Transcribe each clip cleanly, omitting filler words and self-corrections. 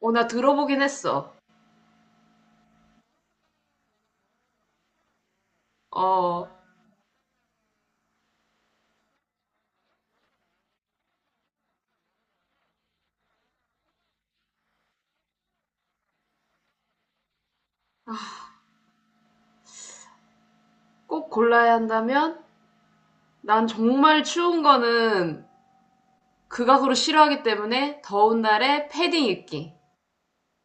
어, 나 들어보긴 했어. 어, 꼭 골라야 한다면 난 정말 추운 거는 극악으로 싫어하기 때문에 더운 날에 패딩 입기.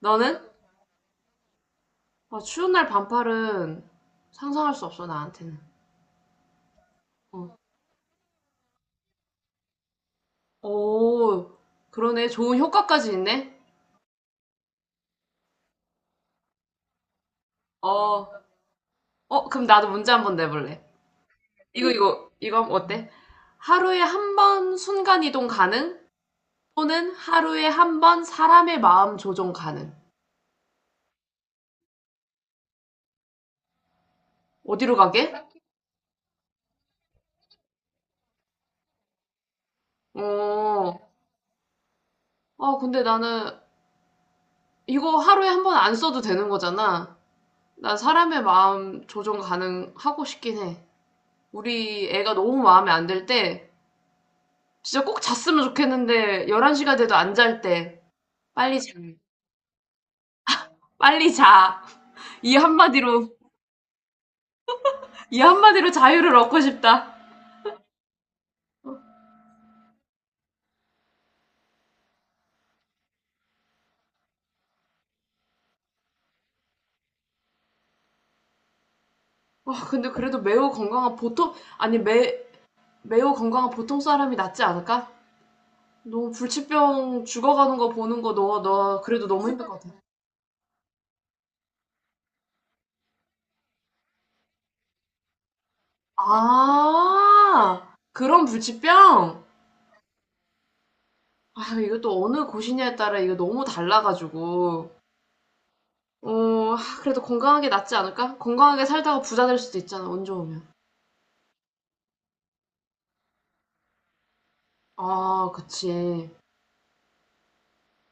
너는? 아, 추운 날 반팔은 상상할 수 없어, 나한테는. 어. 오, 그러네. 좋은 효과까지 있네. 어, 어, 그럼 나도 문제 한번 내볼래. 이거 어때? 하루에 한 번 순간 이동 가능? 또는 하루에 한 번 사람의 마음 조종 가능? 어디로 가게? 어, 아, 근데 나는 이거 하루에 한 번 안 써도 되는 거잖아. 난 사람의 마음 조정 가능하고 싶긴 해. 우리 애가 너무 마음에 안 들 때, 진짜 꼭 잤으면 좋겠는데, 11시가 돼도 안 잘 때, 빨리 자. 빨리 자. 이 한마디로, 이 한마디로 자유를 얻고 싶다. 아, 근데 그래도 매우 건강한 보통, 아니, 매우 건강한 보통 사람이 낫지 않을까? 너무 불치병 죽어가는 거 보는 거 너 그래도 너무 힘들 것 같아. 아, 그런 불치병? 아, 이것도 어느 곳이냐에 따라 이거 너무 달라가지고. 어, 하, 그래도 건강하게 낫지 않을까? 건강하게 살다가 부자 될 수도 있잖아, 운 좋으면. 아, 그치.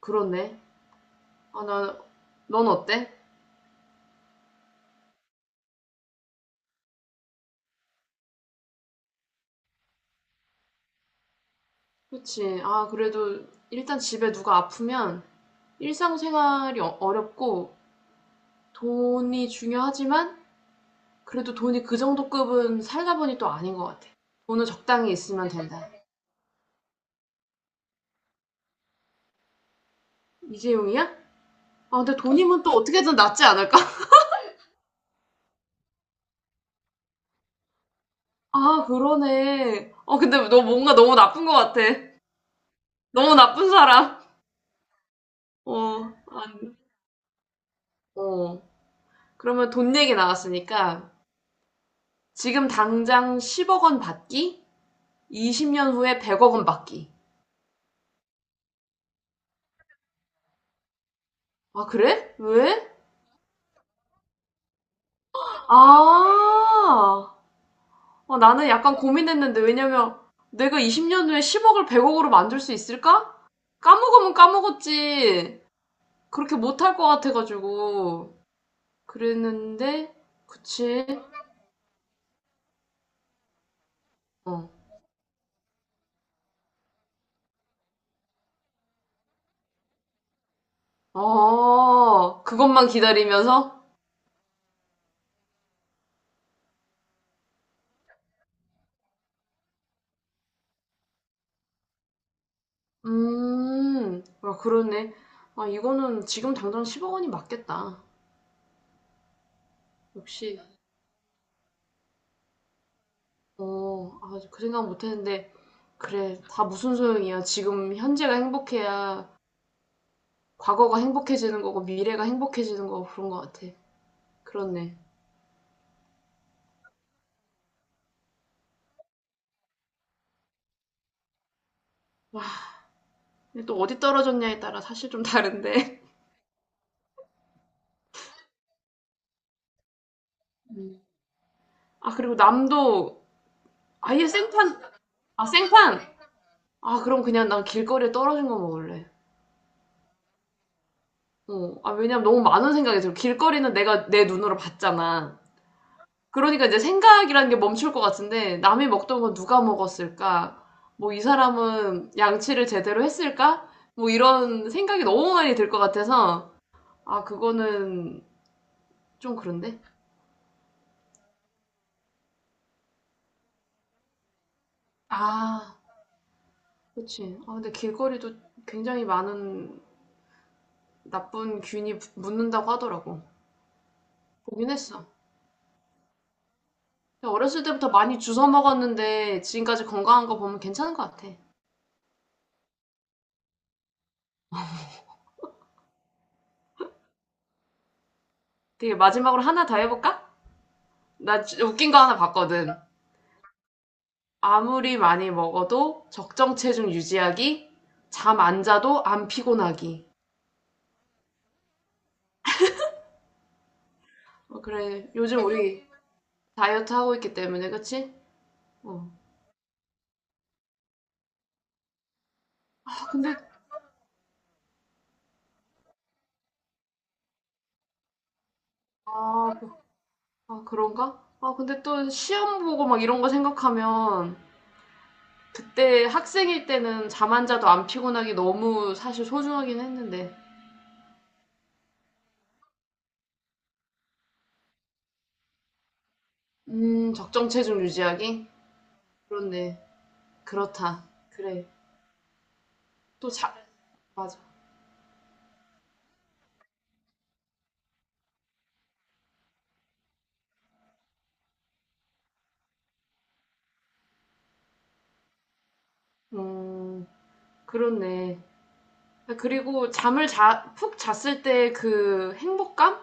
그렇네. 아, 나, 넌 어때? 그치. 아, 그래도 일단 집에 누가 아프면 일상생활이 어렵고 돈이 중요하지만 그래도 돈이 그 정도 급은 살다 보니 또 아닌 것 같아. 돈은 적당히 있으면 된다. 이재용이야? 아, 근데 돈이면 또 어떻게든 낫지 않을까? 아, 그러네. 어, 근데 너 뭔가 너무 나쁜 것 같아. 너무 나쁜 사람. 어, 안, 어. 그러면 돈 얘기 나왔으니까 지금 당장 10억 원 받기? 20년 후에 100억 원 받기. 아, 그래? 왜? 아, 어, 나는 약간 고민했는데 왜냐면 내가 20년 후에 10억을 100억으로 만들 수 있을까? 까먹으면 까먹었지. 그렇게 못할 것 같아가지고. 그랬는데, 그치? 어. 아, 그것만 기다리면서? 아, 그러네. 아, 이거는 지금 당장 10억 원이 맞겠다. 역시. 어, 아, 그 생각 못 했는데. 그래, 다 무슨 소용이야. 지금 현재가 행복해야 과거가 행복해지는 거고, 미래가 행복해지는 거고, 그런 것 같아. 그렇네. 근데 또 어디 떨어졌냐에 따라 사실 좀 다른데. 음. 아, 그리고 남도 아예 생판, 아, 생판! 아, 그럼 그냥 난 길거리에 떨어진 거 먹을래. 어. 아, 왜냐면 너무 많은 생각이 들어. 길거리는 내가 내 눈으로 봤잖아. 그러니까 이제 생각이라는 게 멈출 것 같은데, 남이 먹던 건 누가 먹었을까? 뭐, 이 사람은 양치를 제대로 했을까? 뭐, 이런 생각이 너무 많이 들 것 같아서, 아, 그거는 좀 그런데? 아, 그치. 아, 근데 길거리도 굉장히 많은 나쁜 균이 묻는다고 하더라고. 보긴 했어. 어렸을 때부터 많이 주워 먹었는데 지금까지 건강한 거 보면 괜찮은 것 같아. 되게 마지막으로 하나 더 해볼까? 나 웃긴 거 하나 봤거든. 아무리 많이 먹어도 적정 체중 유지하기, 잠 안 자도 안 피곤하기. 어, 그래, 요즘 우리 다이어트 하고 있기 때문에, 그치? 어. 아, 근데, 아, 아, 그런가? 아, 근데 또 시험 보고 막 이런 거 생각하면 그때 학생일 때는 잠 안 자도 안 피곤하기 너무 사실 소중하긴 했는데. 적정 체중 유지하기? 그렇네. 그렇다. 그래. 또 자, 맞아. 음, 그렇네. 아, 그리고 잠을 푹 잤을 때 그 행복감이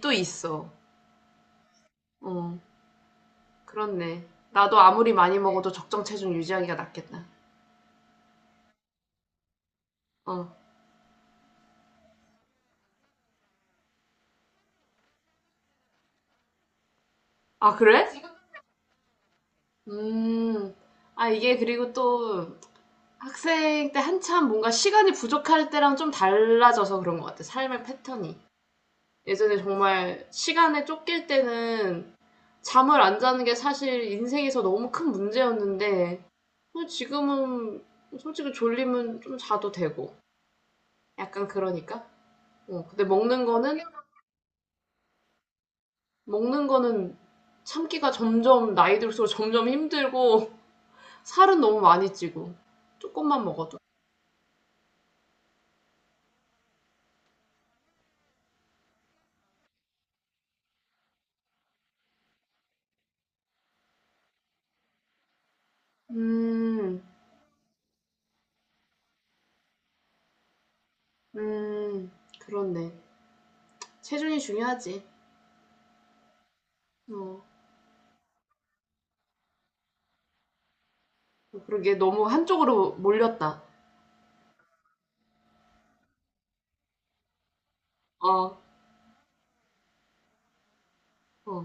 또 있어. 어, 그렇네. 나도 아무리 많이 먹어도 적정 체중 유지하기가 낫겠다. 어. 아, 그래? 음. 아, 이게 그리고 또 학생 때 한참 뭔가 시간이 부족할 때랑 좀 달라져서 그런 것 같아. 삶의 패턴이. 예전에 정말 시간에 쫓길 때는 잠을 안 자는 게 사실 인생에서 너무 큰 문제였는데 뭐 지금은 솔직히 졸리면 좀 자도 되고 약간 그러니까 어, 근데 먹는 거는 먹는 거는 참기가 점점 나이 들수록 점점 힘들고 살은 너무 많이 찌고 조금만 먹어도 음, 음, 그렇네. 체중이 중요하지. 어, 그러게. 너무 한쪽으로 몰렸다. 어, 어.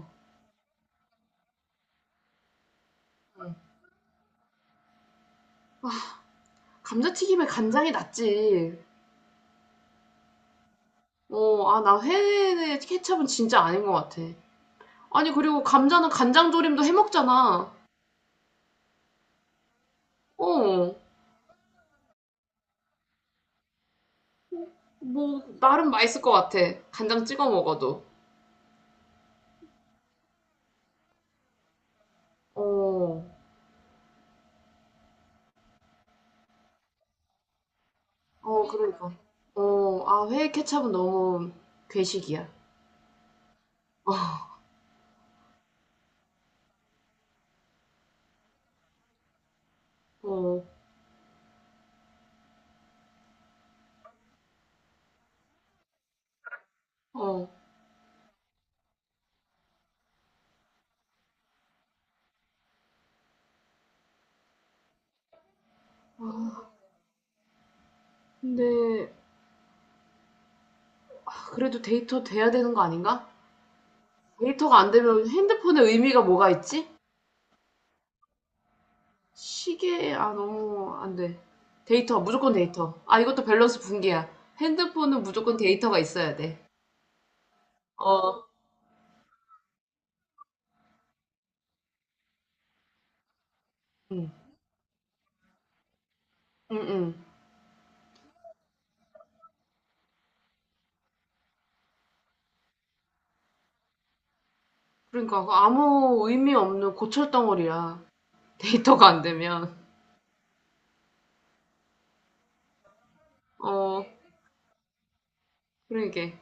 감자튀김에 간장이 낫지. 어, 아, 나 회에 케첩은 진짜 아닌 것 같아. 아니, 그리고 감자는 간장 조림도 해 먹잖아. 어, 뭐, 나름 맛있을 것 같아. 간장 찍어 먹어도. 어, 어, 그러니까. 어, 아, 회에 케첩은 너무 괴식이야. 어, 어. 근데, 아, 그래도 데이터 돼야 되는 거 아닌가? 데이터가 안 되면 핸드폰의 의미가 뭐가 있지? 시계 아 너무 안 돼. 데이터 무조건 데이터. 아 이것도 밸런스 붕괴야. 핸드폰은 무조건 데이터가 있어야 돼. 어, 응, 응. 그러니까 그 아무 의미 없는 고철 덩어리야. 데이터가 안 되면. 어, 그러게.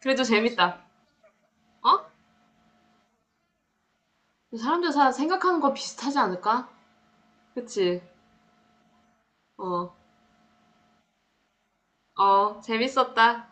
그래도 재밌다. 어? 사람들 다 생각하는 거 비슷하지 않을까? 그치? 어, 어, 재밌었다.